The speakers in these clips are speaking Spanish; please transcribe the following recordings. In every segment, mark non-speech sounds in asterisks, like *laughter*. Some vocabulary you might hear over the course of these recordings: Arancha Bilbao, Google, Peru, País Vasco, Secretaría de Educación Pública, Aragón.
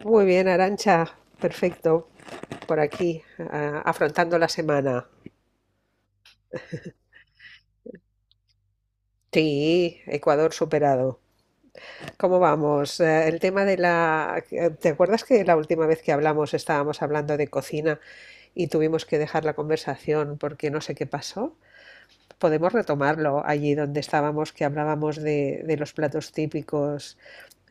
Muy bien, Arancha. Perfecto. Por aquí, afrontando la semana. Sí, Ecuador superado. ¿Cómo vamos? El tema de la... ¿Te acuerdas que la última vez que hablamos estábamos hablando de cocina y tuvimos que dejar la conversación porque no sé qué pasó? Podemos retomarlo allí donde estábamos, que hablábamos de los platos típicos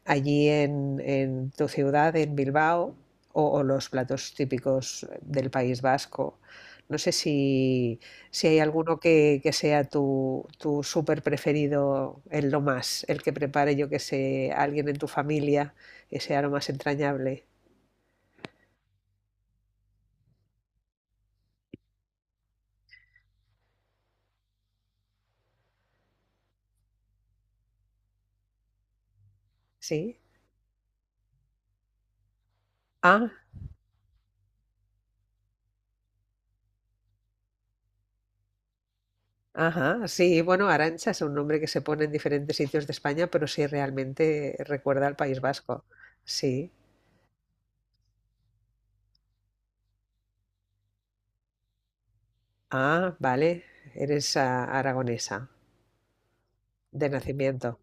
allí en tu ciudad, en Bilbao, o los platos típicos del País Vasco. No sé si hay alguno que sea tu súper preferido, el que prepare, yo que sé, alguien en tu familia, que sea lo más entrañable. ¿Sí? Ah, ajá, sí. Bueno, Arancha es un nombre que se pone en diferentes sitios de España, pero sí realmente recuerda al País Vasco. Sí. Ah, vale. Eres aragonesa. De nacimiento.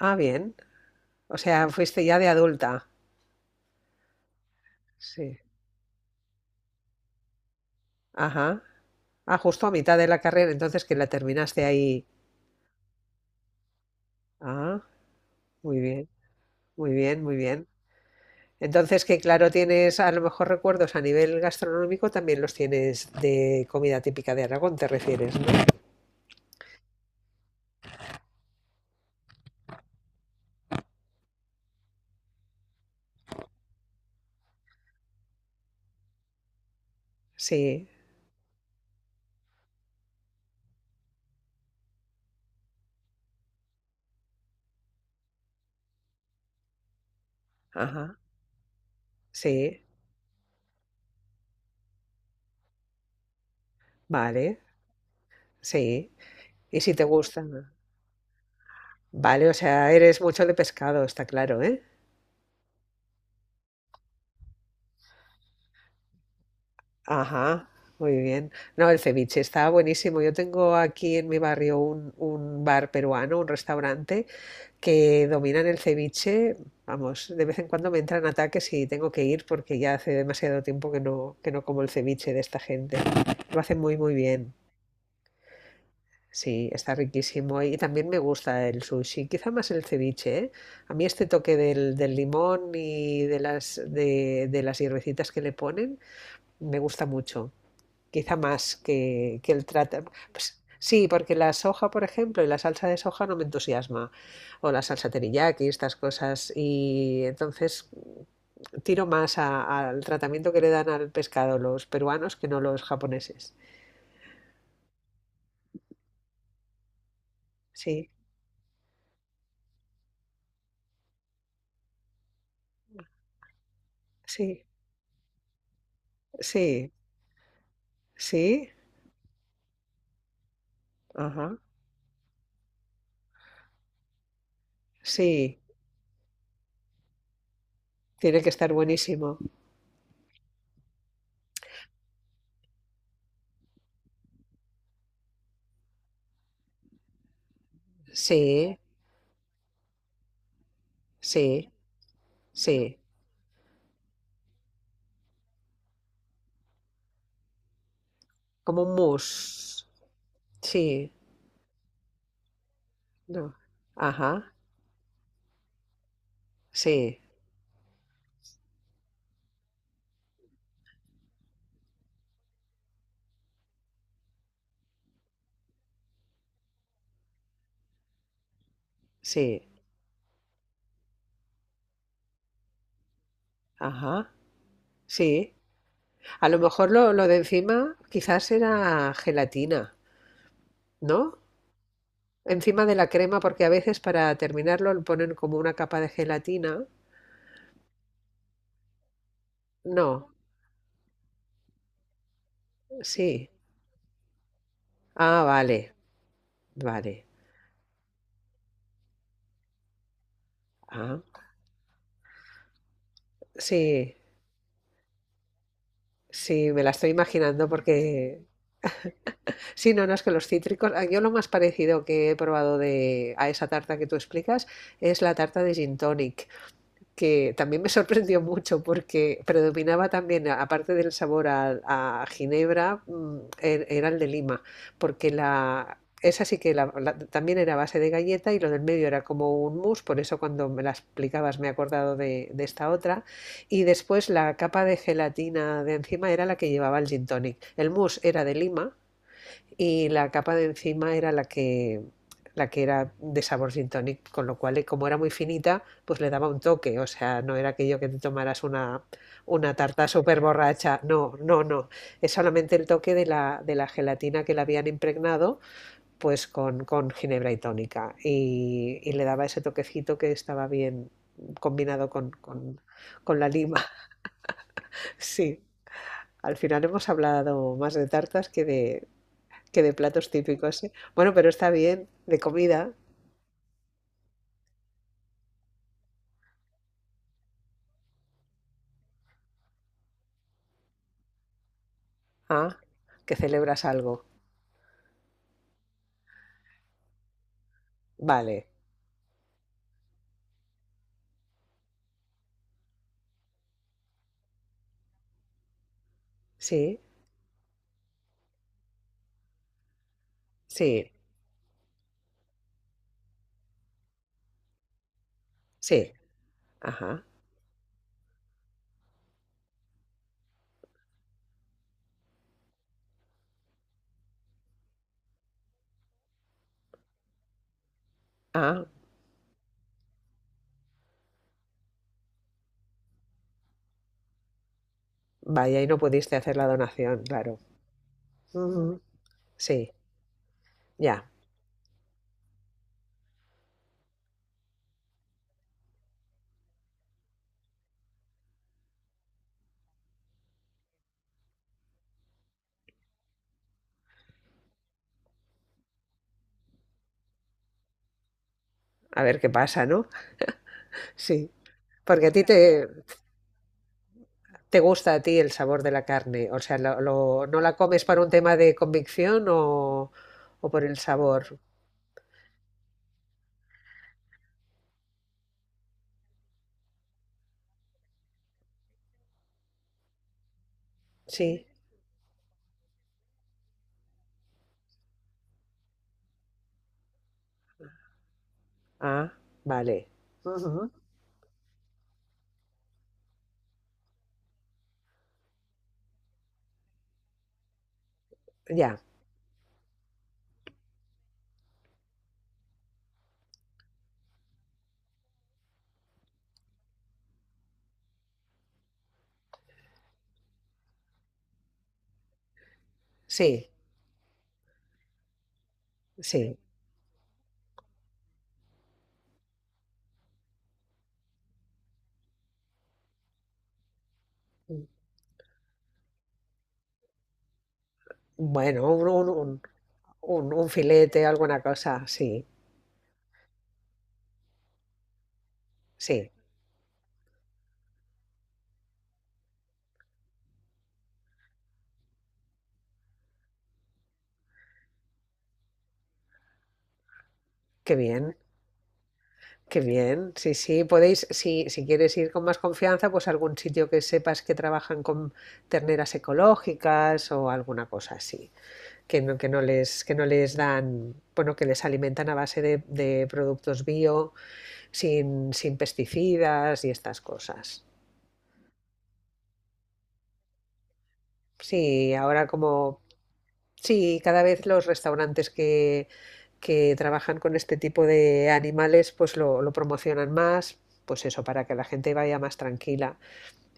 Ah, bien. O sea, fuiste ya de adulta. Sí. Ajá. Ah, justo a mitad de la carrera, entonces que la terminaste ahí. Ah, muy bien, muy bien, muy bien. Entonces que claro, tienes a lo mejor recuerdos a nivel gastronómico, también los tienes de comida típica de Aragón, te refieres, ¿no? Sí, ajá, sí, vale, sí. Y si te gustan, Vale, o sea, eres mucho de pescado, está claro, ¿eh? Ajá, muy bien. No, el ceviche está buenísimo. Yo tengo aquí en mi barrio un bar peruano, un restaurante que dominan el ceviche. Vamos, de vez en cuando me entran ataques y tengo que ir porque ya hace demasiado tiempo que no como el ceviche de esta gente. Lo hacen muy, muy bien. Sí, está riquísimo. Y también me gusta el sushi, quizá más el ceviche, ¿eh? A mí este toque del limón y de las hierbecitas que le ponen me gusta mucho quizá más que el trata. Pues, sí, porque la soja, por ejemplo, y la salsa de soja no me entusiasma, o la salsa teriyaki, estas cosas, y entonces tiro más al tratamiento que le dan al pescado los peruanos que no los japoneses. Sí, sí, sí, sí, ajá, sí, tiene que estar buenísimo. Sí, sí, sí, como un mousse, sí, no, ajá, sí, sí, ajá, sí. A lo mejor lo de encima quizás era gelatina, ¿no? Encima de la crema, porque a veces para terminarlo le ponen como una capa de gelatina. No, sí. Ah, vale, vale. Ah, sí, sí, me la estoy imaginando. Porque... Sí, no, no, es que los cítricos... Yo lo más parecido que he probado a esa tarta que tú explicas es la tarta de gin tonic, que también me sorprendió mucho porque predominaba también, aparte del sabor a ginebra, era el de Lima, porque esa sí que también era a base de galleta y lo del medio era como un mousse, por eso cuando me la explicabas me he acordado de esta otra. Y después la capa de gelatina de encima era la que llevaba el gin tonic. El mousse era de Lima y la capa de encima era la que era de sabor gin tonic, con lo cual, como era muy finita, pues le daba un toque, o sea, no era aquello que te tomaras una tarta súper borracha, no, no, no, es solamente el toque de la gelatina que la habían impregnado, pues con ginebra y tónica, y le daba ese toquecito que estaba bien combinado con la lima, *laughs* sí. Al final hemos hablado más de tartas que de platos típicos, ¿eh? Bueno, pero está bien, de comida. Ah, que celebras algo. Vale, sí, sí, sí. Ajá. Ah, vaya, y no pudiste hacer la donación, claro. Ujú, sí, ya. A ver qué pasa, ¿no? *laughs* Sí. Porque a ti te gusta a ti el sabor de la carne. O sea, ¿no la comes por un tema de convicción o por el sabor? Sí. Ah, vale. Ujú. Ya, sí, sí. Bueno, un filete, alguna cosa, sí, sí, qué bien, qué bien, sí, sí, podéis, si quieres ir con más confianza, pues algún sitio que sepas que trabajan con terneras ecológicas o alguna cosa así, que no les dan, bueno, que les alimentan a base de productos bio, sin pesticidas y estas cosas. Sí, cada vez los restaurantes que trabajan con este tipo de animales, pues lo promocionan más, pues eso, para que la gente vaya más tranquila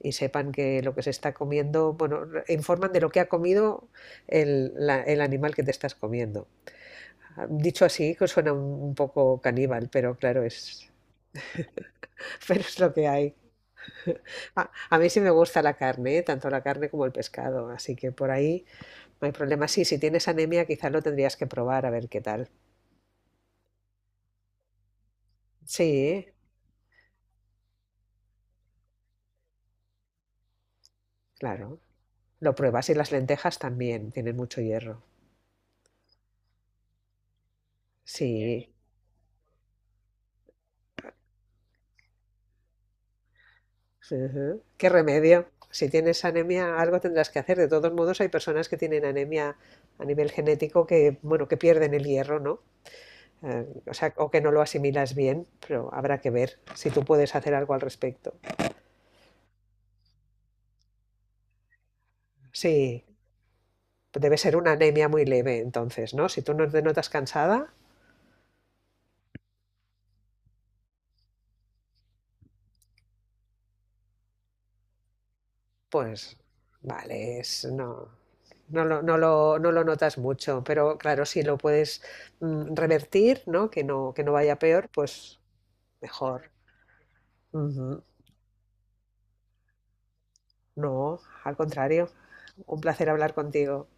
y sepan que lo que se está comiendo, bueno, informan de lo que ha comido el animal que te estás comiendo. Ah, dicho así, que suena un poco caníbal, pero claro, es, *laughs* pero es lo que hay. A mí sí me gusta la carne, ¿eh? Tanto la carne como el pescado, así que por ahí no hay problema. Sí, si tienes anemia, quizás lo tendrías que probar a ver qué tal. Sí, claro. Lo pruebas y las lentejas también tienen mucho hierro. Sí. Ujú. ¿Qué remedio? Si tienes anemia, algo tendrás que hacer. De todos modos, hay personas que tienen anemia a nivel genético que, bueno, que pierden el hierro, ¿no? O sea, o que no lo asimilas bien, pero habrá que ver si tú puedes hacer algo al respecto. Sí, debe ser una anemia muy leve, entonces, ¿no? Si tú no te notas cansada. Pues vale, no lo notas mucho, pero claro, si lo puedes revertir, ¿no? Que no vaya peor, pues mejor. Ujú. No, al contrario. Un placer hablar contigo.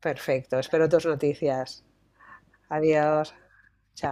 Perfecto, espero tus noticias. Adiós. Chao.